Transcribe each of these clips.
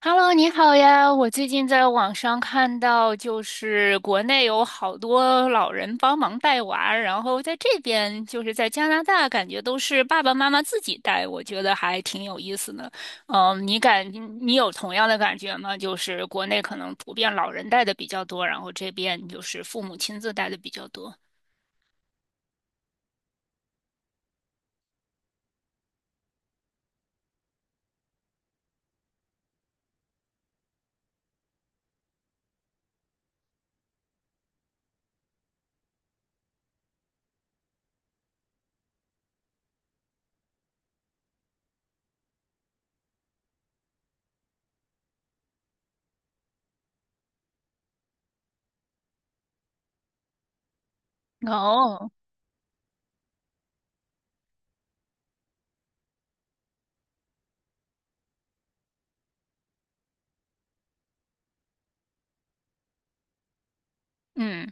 Hello，你好呀！我最近在网上看到，就是国内有好多老人帮忙带娃，然后在这边就是在加拿大，感觉都是爸爸妈妈自己带，我觉得还挺有意思的。嗯，你有同样的感觉吗？就是国内可能普遍老人带的比较多，然后这边就是父母亲自带的比较多。哦，嗯，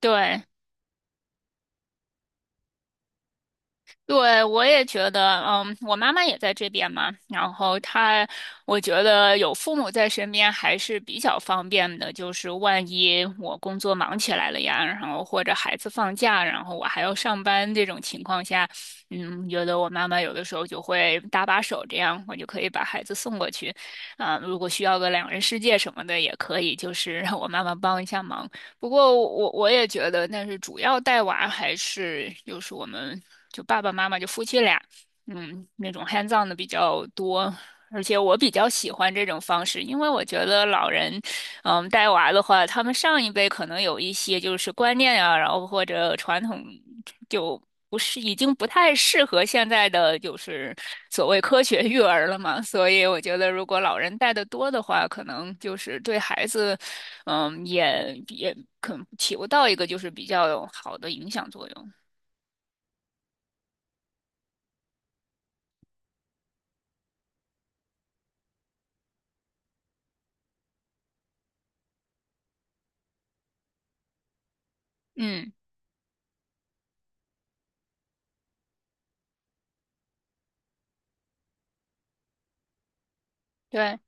对。对，我也觉得，嗯，我妈妈也在这边嘛，然后她，我觉得有父母在身边还是比较方便的，就是万一我工作忙起来了呀，然后或者孩子放假，然后我还要上班这种情况下，嗯，觉得我妈妈有的时候就会搭把手，这样我就可以把孩子送过去，啊，如果需要个两人世界什么的也可以，就是让我妈妈帮一下忙。不过我也觉得，但是主要带娃还是就是我们就爸爸妈妈就夫妻俩，嗯，那种 hands on 的比较多，而且我比较喜欢这种方式，因为我觉得老人，带娃的话，他们上一辈可能有一些就是观念啊，然后或者传统就。不是，已经不太适合现在的就是所谓科学育儿了嘛，所以我觉得如果老人带的多的话，可能就是对孩子也可能起不到一个就是比较有好的影响作用。嗯，对，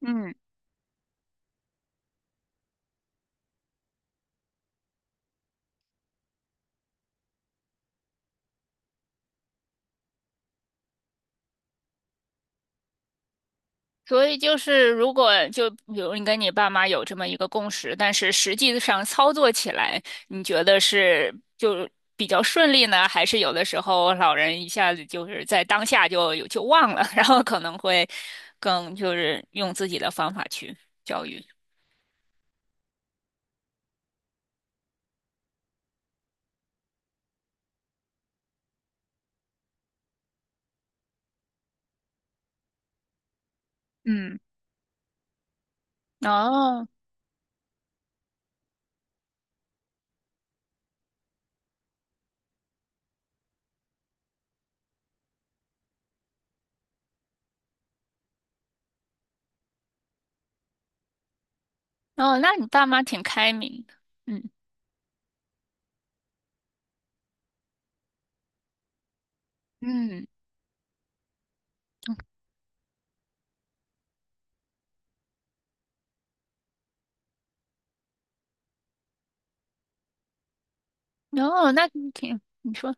嗯，所以就是如果就比如你跟你爸妈有这么一个共识，但是实际上操作起来，你觉得是就比较顺利呢，还是有的时候老人一下子就是在当下就有就忘了，然后可能会更就是用自己的方法去教育。嗯，哦哦，那你爸妈挺开明的。嗯嗯。哦，那挺，你说，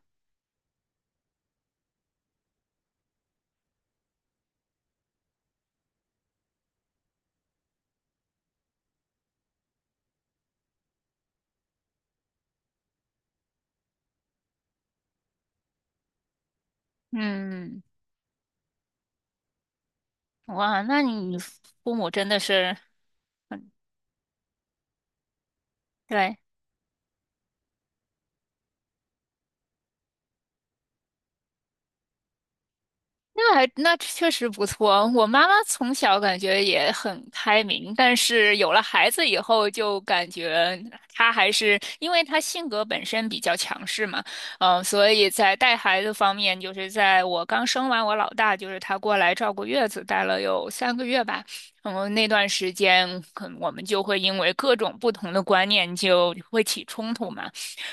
嗯，哇，那你父母真的是，对，那还那确实不错。我妈妈从小感觉也很开明，但是有了孩子以后，就感觉她还是因为她性格本身比较强势嘛，所以在带孩子方面，就是在我刚生完我老大，就是她过来照顾月子，带了有三个月吧。嗯，那段时间，可能我们就会因为各种不同的观念就会起冲突嘛。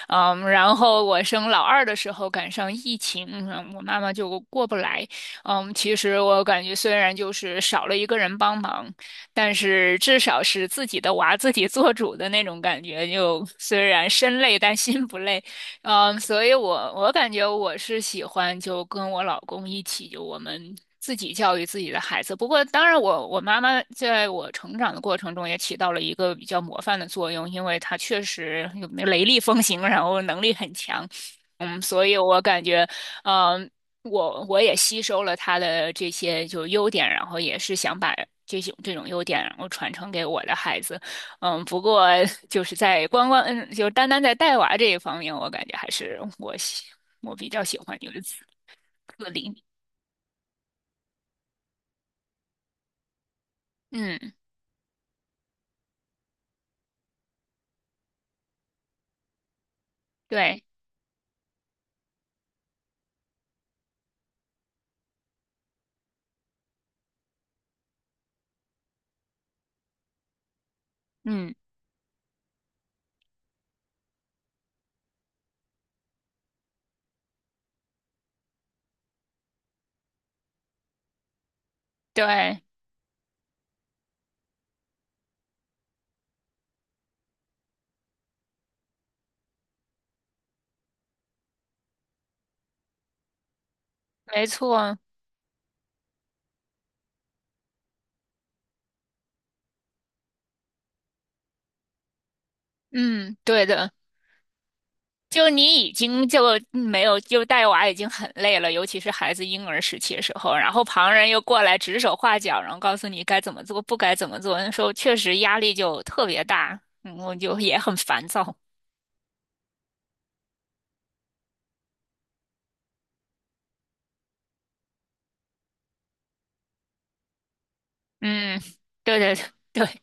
嗯，然后我生老二的时候赶上疫情，我妈妈就过不来。嗯，其实我感觉虽然就是少了一个人帮忙，但是至少是自己的娃自己做主的那种感觉。就虽然身累，但心不累。嗯，所以我感觉我是喜欢就跟我老公一起，就我们自己教育自己的孩子。不过，当然我妈妈在我成长的过程中也起到了一个比较模范的作用，因为她确实有雷厉风行，然后能力很强。嗯，所以我感觉，嗯、我也吸收了他的这些就优点，然后也是想把这种优点，然后传承给我的孩子。嗯，不过就是在光光，就单单在带娃这一方面，我感觉还是我比较喜欢就是自自理。嗯，对，嗯，对，没错，嗯，对的。就你已经就没有就带娃已经很累了，尤其是孩子婴儿时期的时候，然后旁人又过来指手画脚，然后告诉你该怎么做，不该怎么做，那时候确实压力就特别大，嗯，我就也很烦躁。嗯，对对对，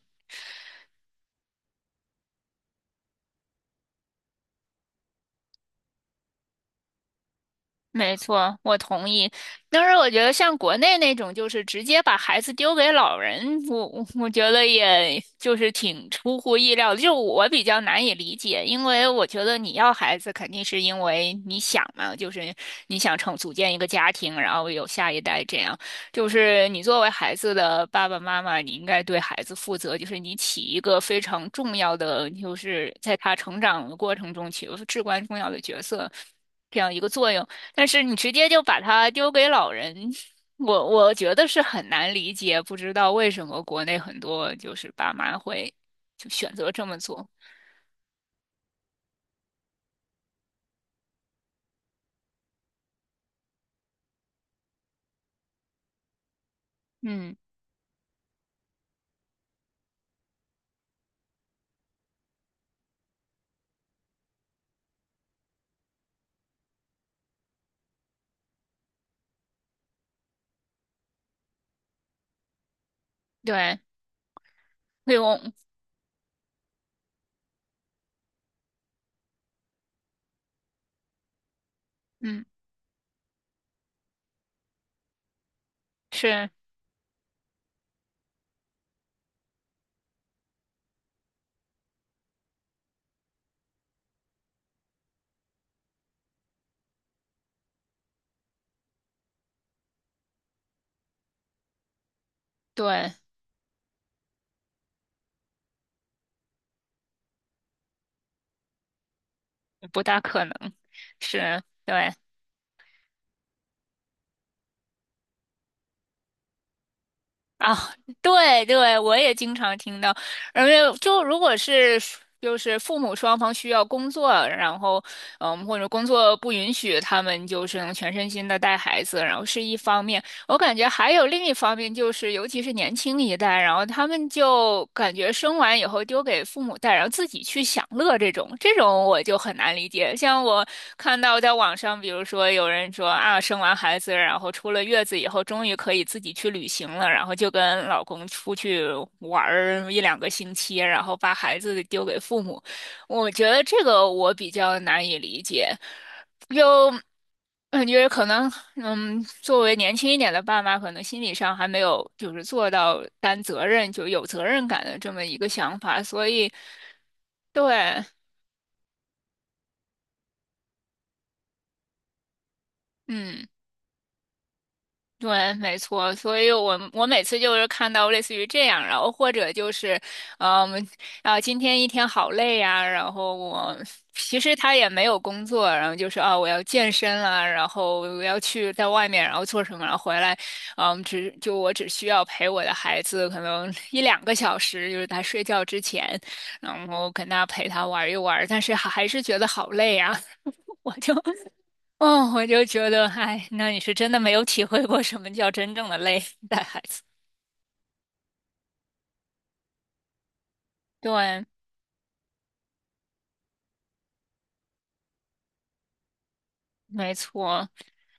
没错，我同意。但是我觉得像国内那种，就是直接把孩子丢给老人，我觉得也就是挺出乎意料的，就我比较难以理解，因为我觉得你要孩子肯定是因为你想嘛，就是你想成组建一个家庭，然后有下一代这样。就是你作为孩子的爸爸妈妈，你应该对孩子负责，就是你起一个非常重要的，就是在他成长的过程中起一个至关重要的角色。这样一个作用，但是你直接就把它丢给老人，我觉得是很难理解，不知道为什么国内很多就是爸妈会就选择这么做。嗯，对，会我，嗯，是，对，不大可能，是，对。啊，对对，我也经常听到，而且就如果是就是父母双方需要工作，然后嗯，或者工作不允许，他们就是能全身心的带孩子，然后是一方面。我感觉还有另一方面，就是尤其是年轻一代，然后他们就感觉生完以后丢给父母带，然后自己去享乐这种，这种我就很难理解。像我看到在网上，比如说有人说啊，生完孩子，然后出了月子以后，终于可以自己去旅行了，然后就跟老公出去玩儿一两个星期，然后把孩子丢给父母。我觉得这个我比较难以理解。嗯，因为可能，嗯，作为年轻一点的爸妈，可能心理上还没有就是做到担责任就有责任感的这么一个想法，所以对，嗯。对，没错，所以我我每次就是看到类似于这样，然后或者就是，嗯，啊，今天一天好累呀、然后我其实他也没有工作，然后就是啊，我要健身啊，然后我要去在外面，然后做什么，然后回来，嗯，只就我只需要陪我的孩子可能一两个小时，就是他睡觉之前，然后跟他陪他玩一玩，但是还是觉得好累啊，我就 哦，我就觉得，哎，那你是真的没有体会过什么叫真正的累，带孩子。对，没错。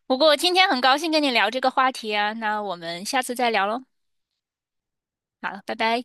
不过今天很高兴跟你聊这个话题啊，那我们下次再聊喽。好，了，拜拜。